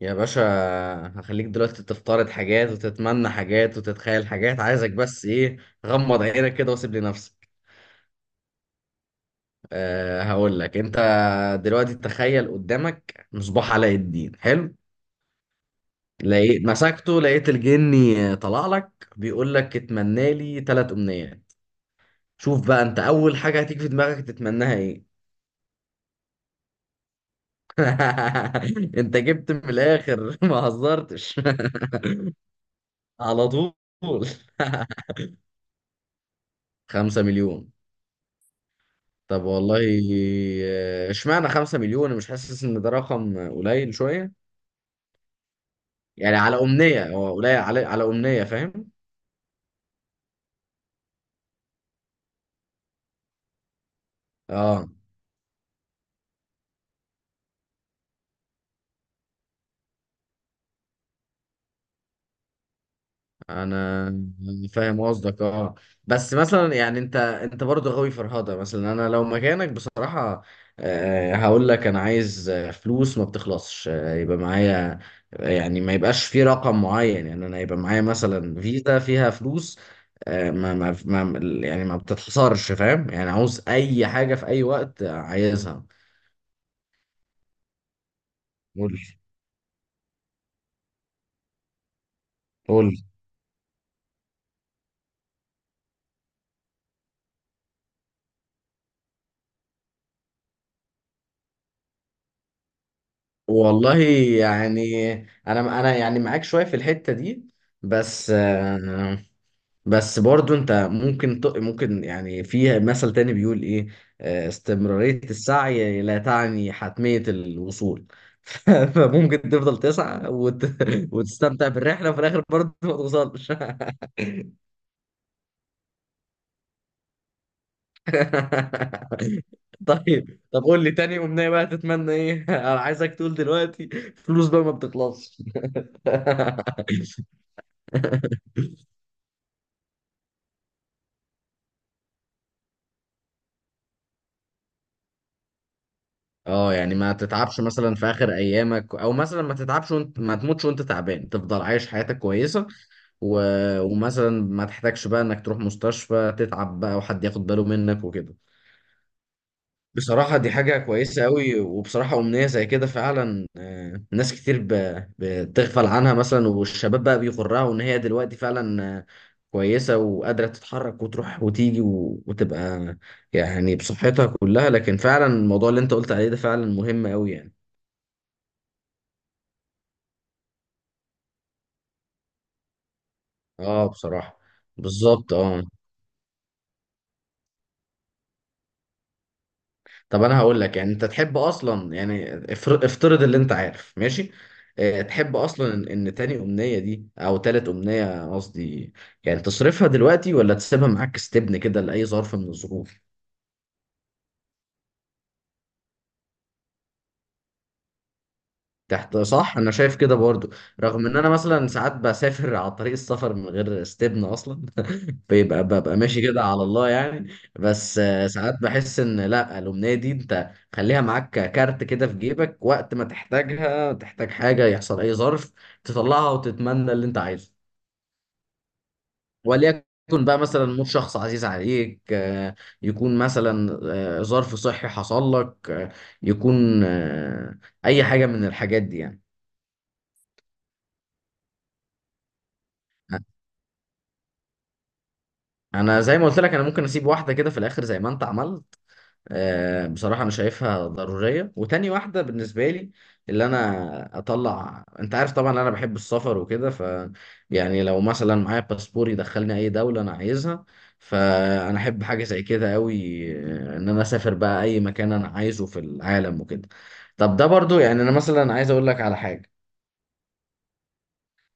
يا باشا، هخليك دلوقتي تفترض حاجات وتتمنى حاجات وتتخيل حاجات. عايزك بس ايه؟ غمض عينك كده وسيب لي نفسك. هقول لك انت دلوقتي تخيل قدامك مصباح علاء الدين. حلو، لقيت مسكته، لقيت الجني طلع لك بيقول لك اتمنى لي ثلاث امنيات. شوف بقى انت اول حاجة هتيجي في دماغك تتمناها ايه؟ انت جبت من الاخر، ما هزرتش. على طول. 5 مليون. طب والله. اشمعنى 5 مليون؟ أنا مش حاسس ان ده رقم قليل شوية. يعني على أمنية، هو قليل على أمنية، فاهم؟ اه، انا فاهم قصدك، اه. بس مثلا يعني انت برضه غاوي فرهضه. مثلا انا لو مكانك بصراحه، هقول لك انا عايز فلوس ما بتخلصش، يبقى معايا. يعني ما يبقاش في رقم معين. يعني انا يبقى معايا مثلا فيزا فيها فلوس. ما يعني ما بتتحصرش، فاهم؟ يعني عاوز اي حاجه في اي وقت عايزها. قول لي، قول لي. والله يعني انا يعني معاك شويه في الحته دي. بس آه، بس برضو انت ممكن ممكن، يعني في مثل تاني بيقول ايه؟ استمرارية السعي لا تعني حتمية الوصول. فممكن تفضل تسعى وتستمتع بالرحلة وفي الآخر برضو ما توصلش. طيب طب قول لي تاني أمنية بقى تتمنى ايه؟ أنا عايزك تقول دلوقتي فلوس بقى ما بتخلصش. اه، يعني ما تتعبش مثلا في اخر ايامك، او مثلا ما تتعبش وانت ما تموتش وانت تعبان، تفضل عايش حياتك كويسه. و... ومثلا ما تحتاجش بقى انك تروح مستشفى تتعب بقى، وحد ياخد باله منك وكده. بصراحة دي حاجة كويسة قوي، وبصراحة أمنية زي كده فعلا، ناس كتير بتغفل عنها مثلا، والشباب بقى بيغرها وإن هي دلوقتي فعلا، كويسة وقادرة تتحرك وتروح وتيجي وتبقى يعني بصحتها كلها. لكن فعلا الموضوع اللي أنت قلت عليه ده فعلا مهم قوي يعني. اه بصراحة. بالظبط اه. طب انا هقول لك، يعني انت تحب اصلا، يعني افترض اللي انت عارف، ماشي؟ اه، تحب اصلا ان تاني امنية دي او تالت امنية قصدي، يعني تصرفها دلوقتي ولا تسيبها معاك استبن كده لأي ظرف من الظروف؟ تحت، صح، انا شايف كده برضو. رغم ان انا مثلا ساعات بسافر على طريق السفر من غير استبنى اصلا. ببقى ماشي كده على الله يعني. بس ساعات بحس ان لا، الامنيه دي انت خليها معاك كارت كده في جيبك، وقت ما تحتاجها، تحتاج حاجه، يحصل اي ظرف، تطلعها وتتمنى اللي انت عايزه. وليكن بقى مثلا موت شخص عزيز عليك، يكون مثلا ظرف صحي حصل لك، يكون اي حاجه من الحاجات دي يعني. انا زي ما قلت لك، انا ممكن اسيب واحده كده في الاخر زي ما انت عملت. بصراحه انا شايفها ضروريه. وتاني واحده بالنسبه لي، اللي انا اطلع، انت عارف طبعا انا بحب السفر وكده، ف يعني لو مثلا معايا باسبور يدخلني اي دوله انا عايزها، فانا احب حاجه زي كده قوي. ان انا اسافر بقى اي مكان انا عايزه في العالم وكده. طب ده برضو. يعني انا مثلا عايز اقول لك على حاجه.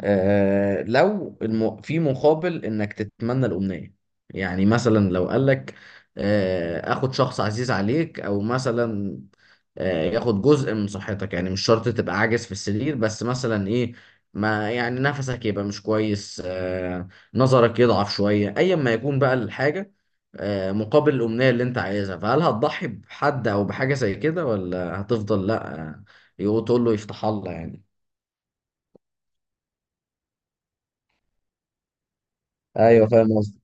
لو في مقابل انك تتمنى الامنيه، يعني مثلا لو قال لك: اخد شخص عزيز عليك، او مثلا ياخد جزء من صحتك. يعني مش شرط تبقى عاجز في السرير، بس مثلا ايه، ما يعني نفسك يبقى مش كويس، نظرك يضعف شويه، ايا ما يكون بقى الحاجه. مقابل الامنيه اللي انت عايزها، فهل هتضحي بحد او بحاجه زي كده، ولا هتفضل لا، تقول له يفتح الله يعني؟ ايوه فاهم قصدي.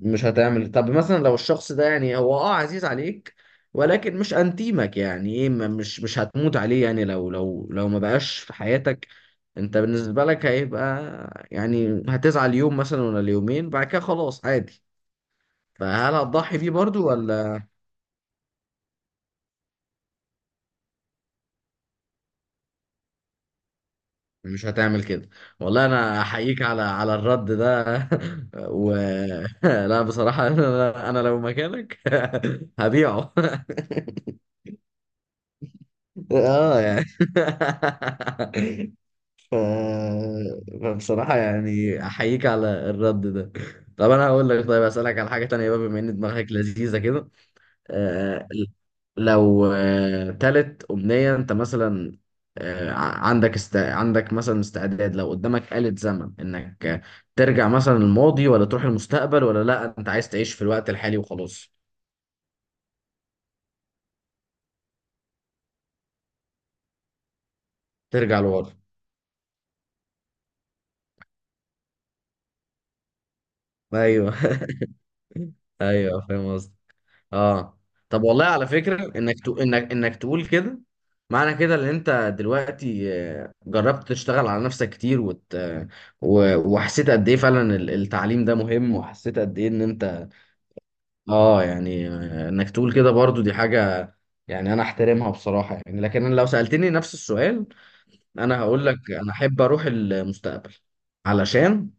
مش هتعمل. طب مثلا لو الشخص ده يعني هو عزيز عليك، ولكن مش انتيمك يعني ايه، مش هتموت عليه، يعني لو ما بقاش في حياتك، انت بالنسبة لك هيبقى، يعني هتزعل يوم مثلا ولا اليومين، بعد كده خلاص عادي. فهل هتضحي بيه برضو ولا؟ مش هتعمل كده؟ والله انا احييك على الرد ده. و لا بصراحة انا لو مكانك هبيعه. اه يعني. ف... فبصراحة يعني أحييك على الرد ده. طب أنا هقول لك، طيب، أسألك على حاجة تانية بقى، بما إن دماغك لذيذة كده. آه لو تالت أمنية أنت مثلا، عندك عندك مثلا استعداد، لو قدامك آلة زمن إنك ترجع مثلا الماضي، ولا تروح المستقبل، ولا لأ أنت عايز تعيش في الوقت الحالي وخلاص؟ ترجع لورا، أيوه. أيوه فاهم قصدي، اه. طب والله، على فكرة انك انك تقول كده، معنى كده ان انت دلوقتي جربت تشتغل على نفسك كتير وحسيت قد ايه فعلا التعليم ده مهم، وحسيت قد ايه ان انت اه. يعني انك تقول كده برضو دي حاجة، يعني انا احترمها بصراحة. يعني لكن انا لو سألتني نفس السؤال، انا هقول لك انا احب اروح المستقبل. علشان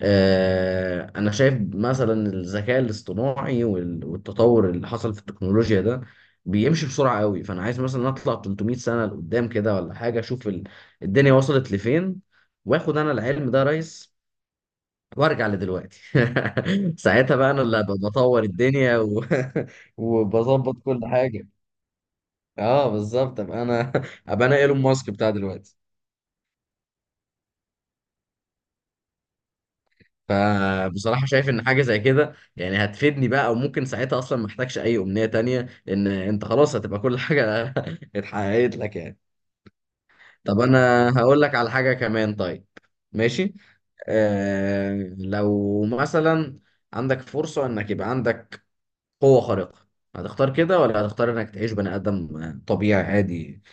أنا شايف مثلا الذكاء الاصطناعي والتطور اللي حصل في التكنولوجيا ده بيمشي بسرعة قوي، فأنا عايز مثلا أطلع 300 سنة لقدام كده ولا حاجة، أشوف الدنيا وصلت لفين، وآخد أنا العلم ده يا ريس، وأرجع لدلوقتي. ساعتها بقى أنا اللي هبقى بطور الدنيا وبظبط كل حاجة. أه بالظبط، أبقى أنا أبقى أنا إيلون ماسك بتاع دلوقتي. فبصراحة شايف ان حاجة زي كده يعني هتفيدني بقى، او ممكن ساعتها اصلا ما احتاجش اي امنية تانية، لان انت خلاص هتبقى كل حاجة اتحققت لك يعني. طب انا هقول لك على حاجة كمان، طيب، ماشي. لو مثلا عندك فرصة انك يبقى عندك قوة خارقة، هتختار كده ولا هتختار انك تعيش بني ادم طبيعي عادي؟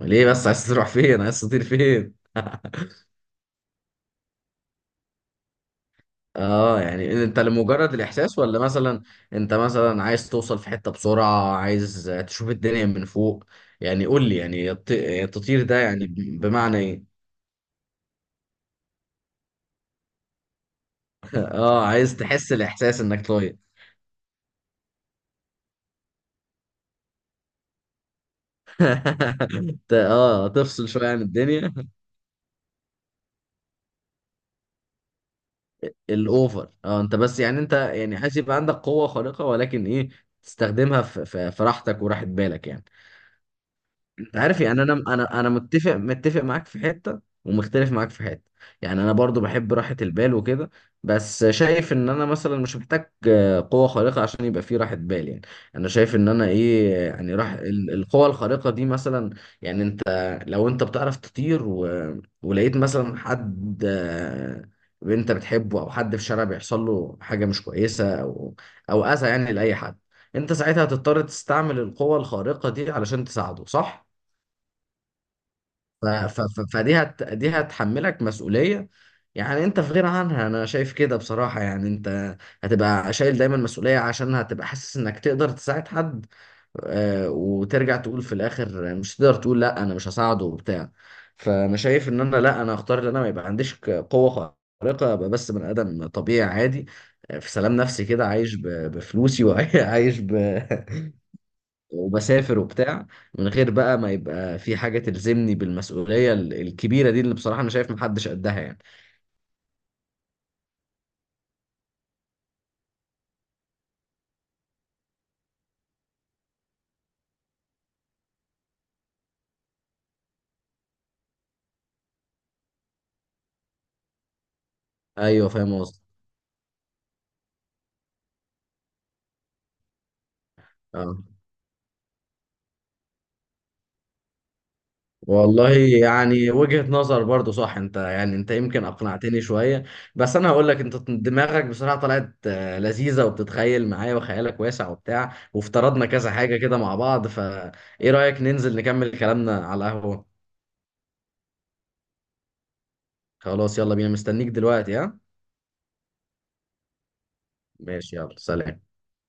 ليه بس؟ عايز تروح فين؟ عايز تطير فين؟ اه يعني انت لمجرد الاحساس، ولا مثلا انت مثلا عايز توصل في حتة بسرعة، عايز تشوف الدنيا من فوق؟ يعني قول لي، يعني التطير ده يعني بمعنى ايه؟ اه، عايز تحس الاحساس انك طاير. اه، تفصل شوية عن الدنيا. الاوفر. اه انت بس، يعني انت يعني عايز يبقى عندك قوة خارقة، ولكن ايه، تستخدمها في راحتك وراحة بالك يعني. انت عارف يعني انا متفق معاك في حته، ومختلف معاك في حته. يعني انا برضو بحب راحه البال وكده. بس شايف ان انا مثلا مش محتاج قوه خارقه عشان يبقى في راحه بال يعني. انا شايف ان انا ايه، يعني راح القوه الخارقه دي مثلا، يعني انت، لو انت بتعرف تطير ولقيت مثلا حد انت بتحبه، او حد في الشارع بيحصل له حاجه مش كويسه او اذى يعني لاي حد، انت ساعتها هتضطر تستعمل القوة الخارقة دي علشان تساعده، صح؟ ف- ف- ف- فدي هت دي هتحملك مسؤولية. يعني انت في غنى عنها، انا شايف كده بصراحة، يعني انت هتبقى شايل دايما مسؤولية، عشان هتبقى حاسس انك تقدر تساعد حد، وترجع تقول في الاخر مش تقدر، تقول لا انا مش هساعده وبتاع. فانا شايف ان انا لا، انا اختار ان انا ما يبقى عنديش قوة خارقة، ابقى بس بني ادم طبيعي عادي، في سلام نفسي كده، عايش بفلوسي وعايش وبسافر وبتاع، من غير بقى ما يبقى في حاجة تلزمني بالمسؤولية الكبيرة دي، اللي بصراحة أنا شايف محدش قدها يعني. أيوه فاهم قصدي. أه والله يعني وجهة نظر برضو صح. أنت يعني أنت يمكن أقنعتني شوية. بس أنا هقول لك، أنت دماغك بصراحة طلعت لذيذة، وبتتخيل معايا وخيالك واسع وبتاع، وافترضنا كذا حاجة كده مع بعض. فإيه رأيك ننزل نكمل كلامنا على القهوة؟ خلاص، يلا بينا، مستنيك دلوقتي، ها. ماشي، يلا سلام.